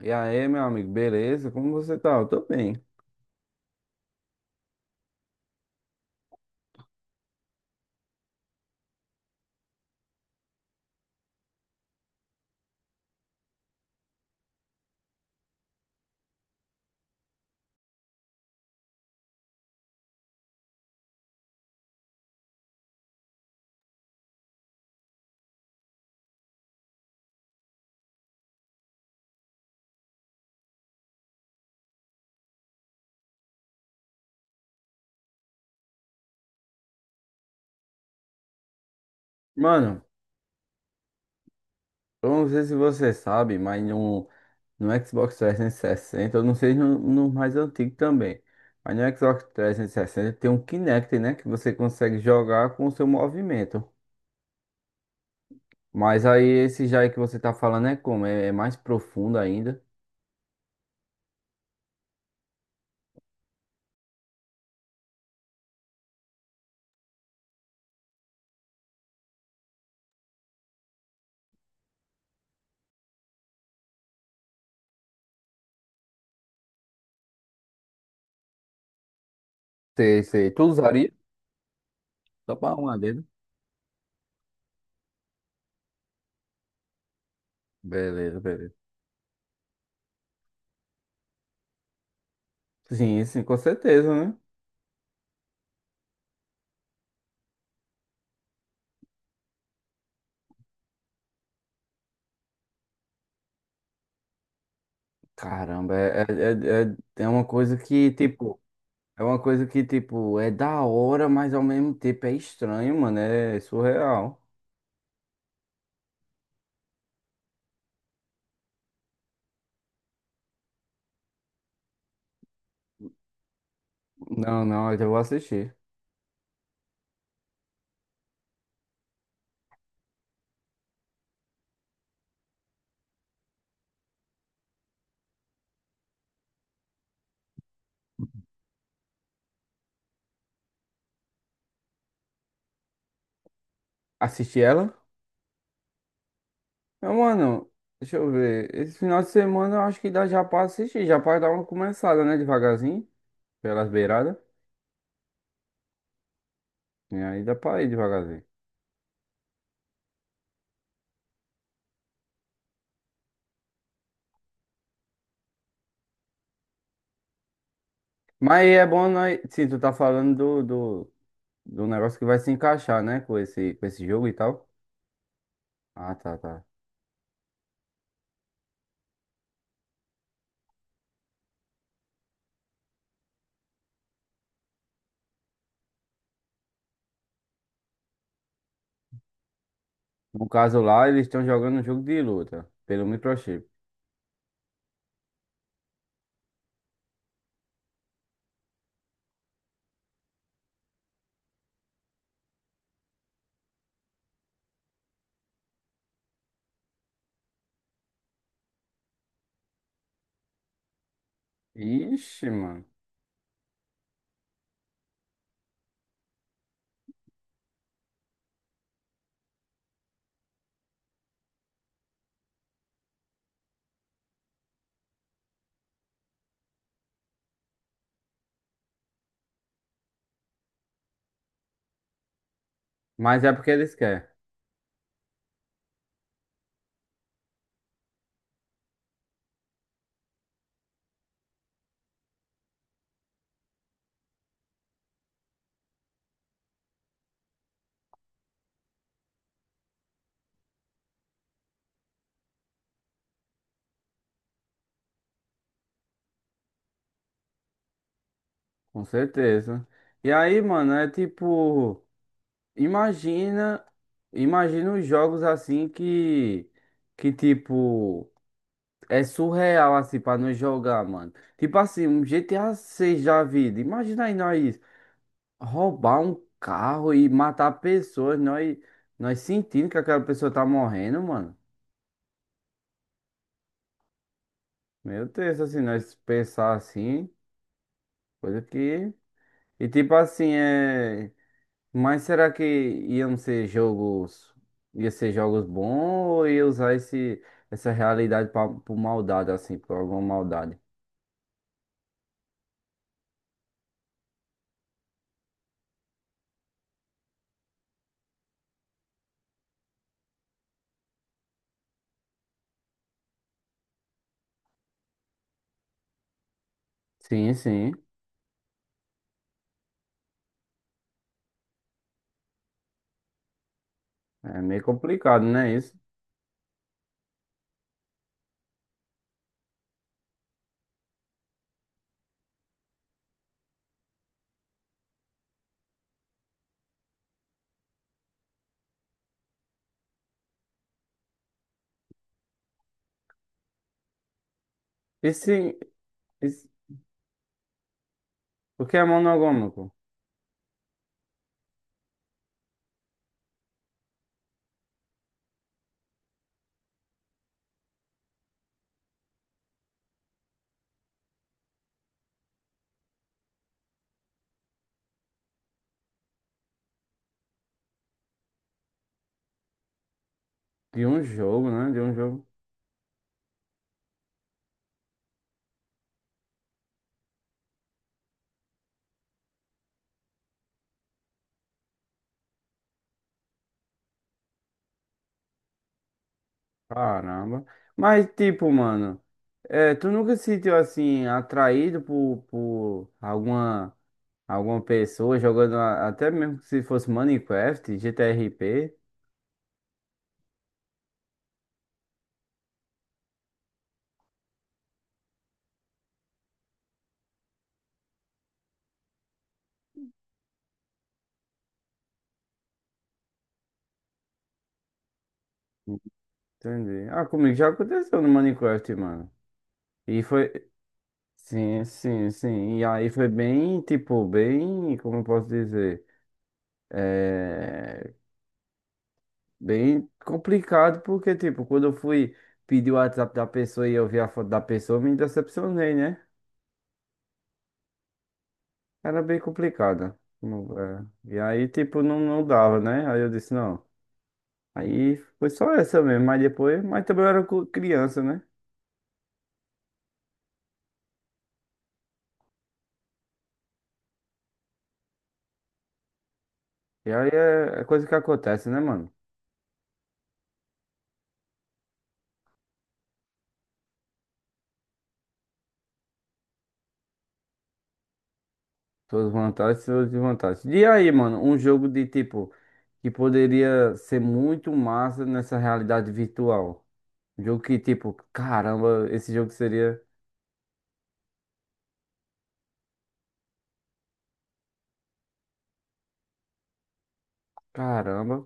E aí, meu amigo, beleza? Como você tá? Eu tô bem. Mano, eu não sei se você sabe, mas no Xbox 360, eu não sei no mais antigo também, mas no Xbox 360 tem um Kinect, né? Que você consegue jogar com o seu movimento. Mas aí esse já aí que você tá falando é como? É mais profundo ainda. Sei, sei. Tu usaria? Só pra arrumar dedo. Beleza, beleza. Sim, sim, com certeza, né? Caramba, é uma coisa que, tipo. É uma coisa que, tipo, é da hora, mas ao mesmo tempo é estranho, mano. É surreal. Não, não, eu já vou assistir. Assistir ela? Não, mano, deixa eu ver. Esse final de semana eu acho que dá já pra assistir. Já pra dar uma começada, né? Devagarzinho. Pelas beiradas. E aí dá pra ir devagarzinho. Mas é bom nós. Sim, tu tá falando do, do negócio que vai se encaixar, né? Com esse jogo e tal. Ah, tá, tá. No caso lá, eles estão jogando um jogo de luta. Pelo microchip. Ixi, mano. Mas é porque eles querem, com certeza. E aí, mano, é tipo, imagina, imagina os jogos assim que, tipo, é surreal assim pra nós jogar, mano. Tipo assim, um GTA 6 da vida. Imagina aí nós roubar um carro e matar pessoas, nós sentindo que aquela pessoa tá morrendo, mano. Meu Deus, assim, nós pensar assim, coisa que. E tipo assim, é. Mas será que iam ser jogos, ia ser jogos bons ou ia usar essa realidade pra, por maldade, assim, por alguma maldade? Sim, sim. É meio complicado, né? Isso. E sim, isso, o que é monogâmico? De um jogo, né? De um jogo. Caramba. Mas, tipo, mano, é, tu nunca se sentiu assim, atraído por alguma pessoa jogando, até mesmo se fosse Minecraft, GTRP? Entendi. Ah, comigo já aconteceu no Minecraft, mano. E foi. Sim, sim, sim. E aí foi bem, tipo, bem. Como eu posso dizer? É. Bem complicado, porque, tipo, quando eu fui pedir o WhatsApp da pessoa e eu vi a foto da pessoa, eu me decepcionei, né? Era bem complicado. Não, é. E aí, tipo, não, não dava, né? Aí eu disse, não. Aí foi só essa mesmo. Mas depois. Mas também eu era criança, né? E aí é coisa que acontece, né, mano? Suas vantagens e suas desvantagens. E aí, mano, um jogo de tipo que poderia ser muito massa nessa realidade virtual. Um jogo que, tipo, caramba, esse jogo seria. Caramba.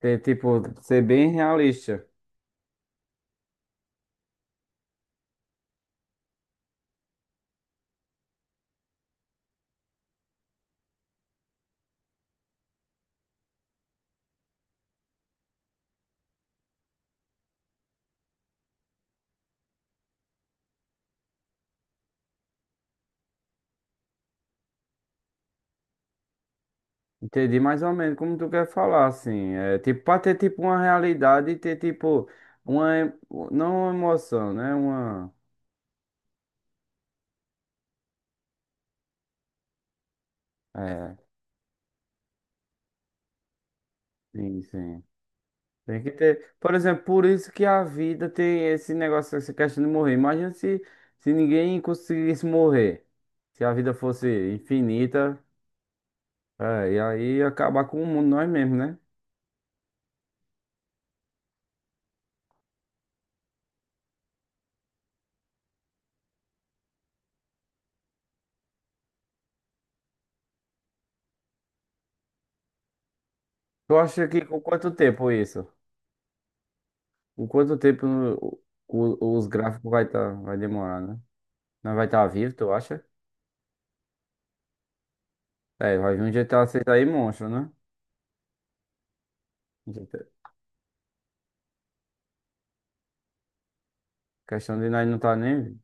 Ter, tipo, ser bem realista. Entendi mais ou menos como tu quer falar, assim. É tipo, pra ter tipo uma realidade e ter tipo uma. Não uma emoção, né? Uma. É. Sim, sim. Tem que ter. Por exemplo, por isso que a vida tem esse negócio, essa questão de morrer. Imagina se ninguém conseguisse morrer. Se a vida fosse infinita, é, e aí ia acabar com o mundo nós mesmos, né? Tu acha que com quanto tempo isso? Com quanto tempo os gráficos vai, tá, vai demorar, né? Nós vai estar tá vivo, tu acha? É, vai vir um GTA 6 aí, monstro, né? GTA Questão de nós não tá nem vivo.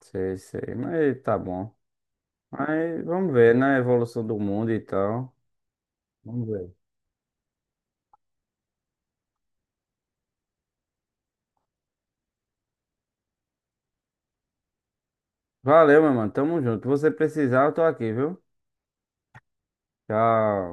Sei, sei, mas tá bom. Mas vamos ver, né? A evolução do mundo e tal. Vamos ver. Valeu, meu mano. Tamo junto. Se você precisar, eu tô aqui, viu? Tchau.